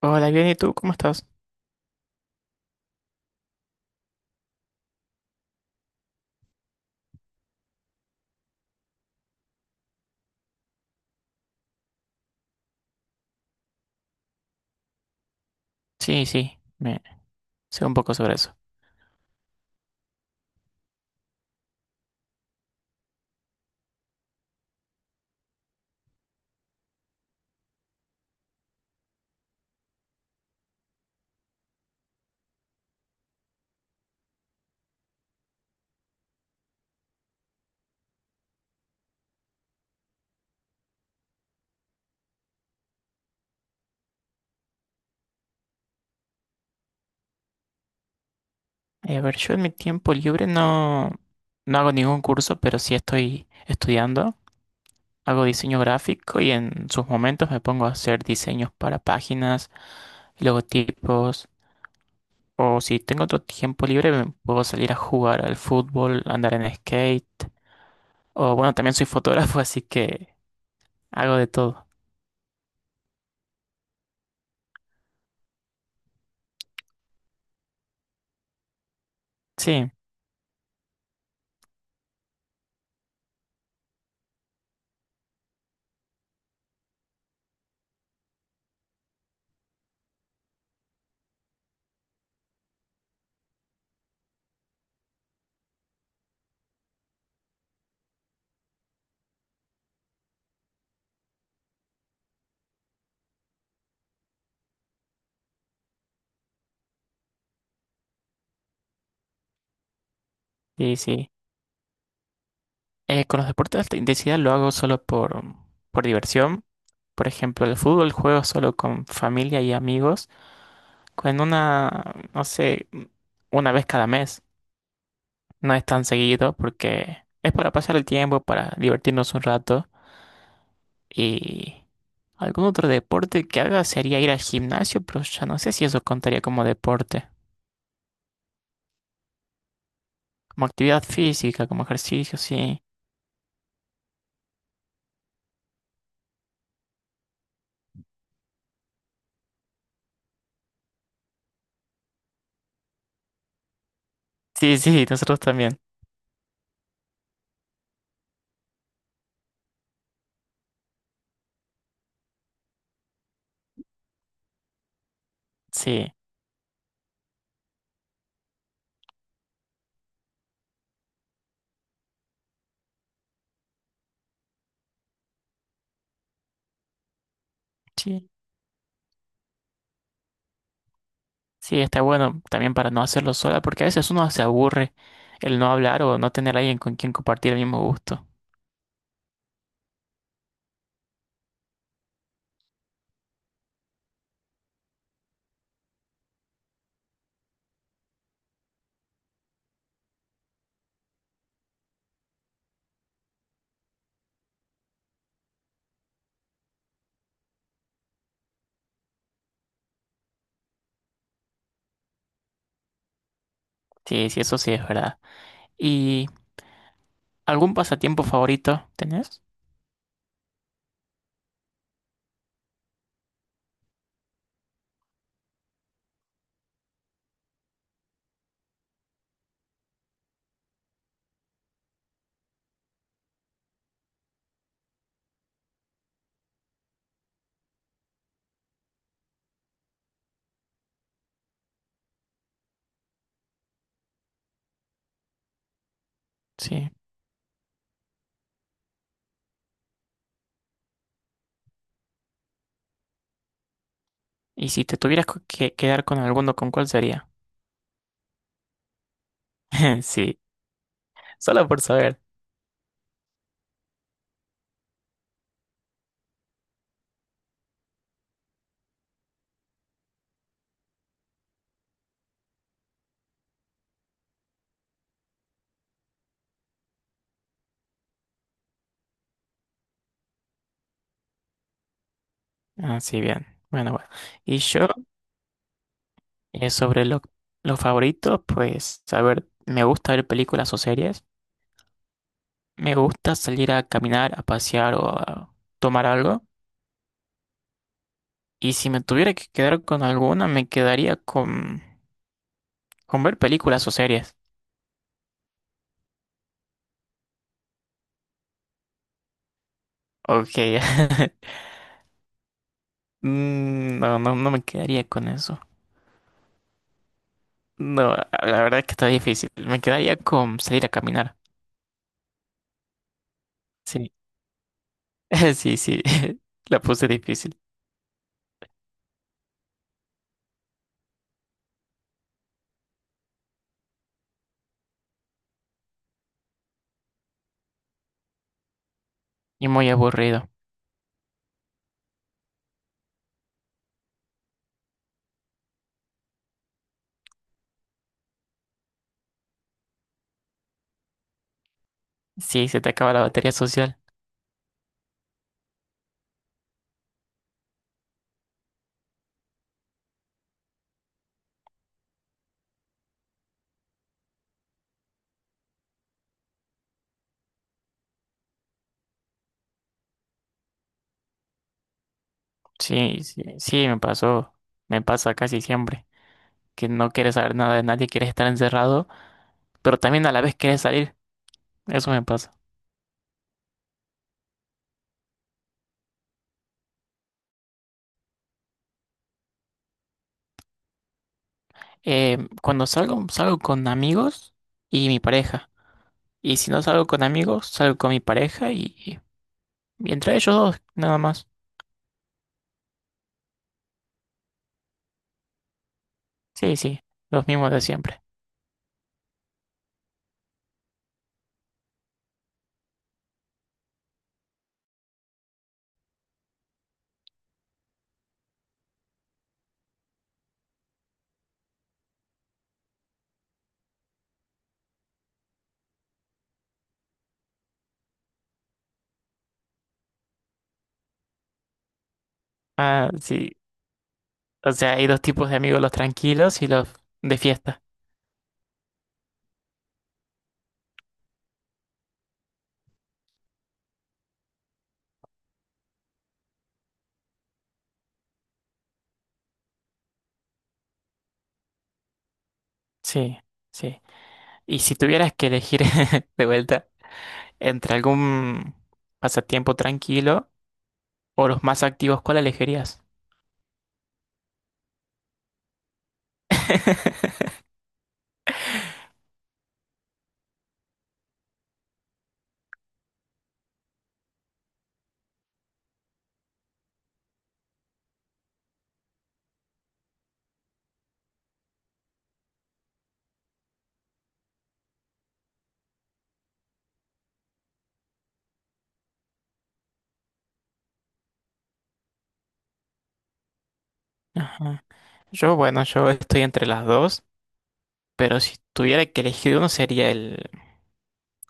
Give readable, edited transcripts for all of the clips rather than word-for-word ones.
Hola, bien, ¿y tú cómo estás? Sí, sí, me sé un poco sobre eso. Yo en mi tiempo libre no, no hago ningún curso, pero sí estoy estudiando. Hago diseño gráfico y en sus momentos me pongo a hacer diseños para páginas, logotipos, o si tengo otro tiempo libre me puedo salir a jugar al fútbol, andar en skate, o bueno, también soy fotógrafo, así que hago de todo. Sí, sí, sí. Con los deportes de alta intensidad lo hago solo por diversión. Por ejemplo, el fútbol juego solo con familia y amigos, con una, no sé, una vez cada mes. No es tan seguido porque es para pasar el tiempo, para divertirnos un rato. Y algún otro deporte que haga sería ir al gimnasio, pero ya no sé si eso contaría como deporte. Como actividad física, como ejercicio, sí. Sí, sí, nosotros también. Sí, sí. Sí, está bueno también para no hacerlo sola, porque a veces uno se aburre el no hablar o no tener a alguien con quien compartir el mismo gusto. Sí, sí, eso sí es verdad. ¿Y algún pasatiempo favorito tenés? Sí. Y si te tuvieras que quedar con alguno, ¿con cuál sería? Sí, solo por saber. Ah, sí, bien. Bueno, bueno. Y yo, sobre los favoritos, pues, a ver, me gusta ver películas o series. Me gusta salir a caminar, a pasear o a tomar algo. Y si me tuviera que quedar con alguna, me quedaría con ver películas o series. Ok. No, no, no me quedaría con eso. No, la verdad es que está difícil. Me quedaría con salir a caminar. Sí, sí, sí. La puse difícil y muy aburrido. Sí, se te acaba la batería social. Sí, sí, sí, me pasó. Me pasa casi siempre. Que no quieres saber nada de nadie, quieres estar encerrado, pero también a la vez quieres salir. Eso me pasa. Cuando salgo, salgo con amigos y mi pareja. Y si no salgo con amigos, salgo con mi pareja y entre ellos dos, nada más. Sí, sí, los mismos de siempre. Ah, sí. O sea, hay dos tipos de amigos, los tranquilos y los de fiesta. Sí, sí. Y si tuvieras que elegir de vuelta entre algún pasatiempo tranquilo o los más activos, ¿cuál elegirías? Yo, bueno, yo estoy entre las dos, pero si tuviera que elegir uno sería el...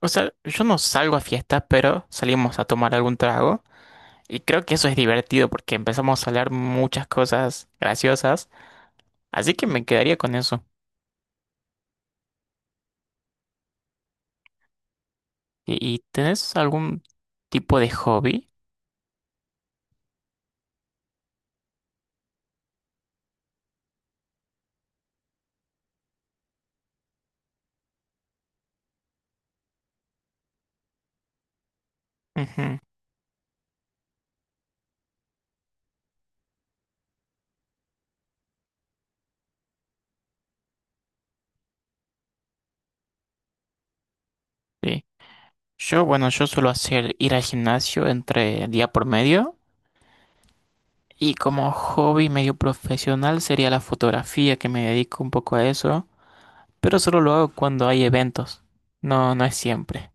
O sea, yo no salgo a fiestas, pero salimos a tomar algún trago. Y creo que eso es divertido porque empezamos a hablar muchas cosas graciosas. Así que me quedaría con eso. ¿ y tenés algún tipo de hobby? Ujú, sí. Yo, bueno, yo suelo hacer ir al gimnasio entre día por medio. Y como hobby medio profesional sería la fotografía, que me dedico un poco a eso. Pero solo lo hago cuando hay eventos. No, no es siempre.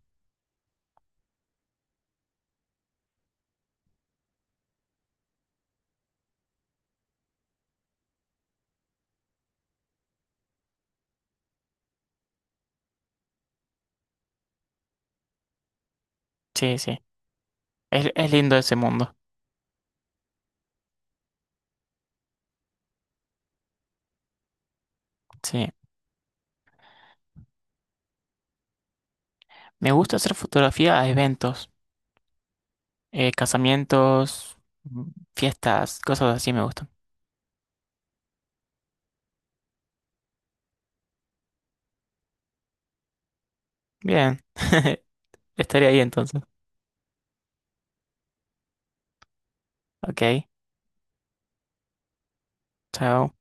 Sí, sí. Es lindo ese mundo. Sí. Me gusta hacer fotografía a eventos. Casamientos, mm, fiestas, cosas así me gustan. Bien. Estaría ahí entonces. Ok. Chao.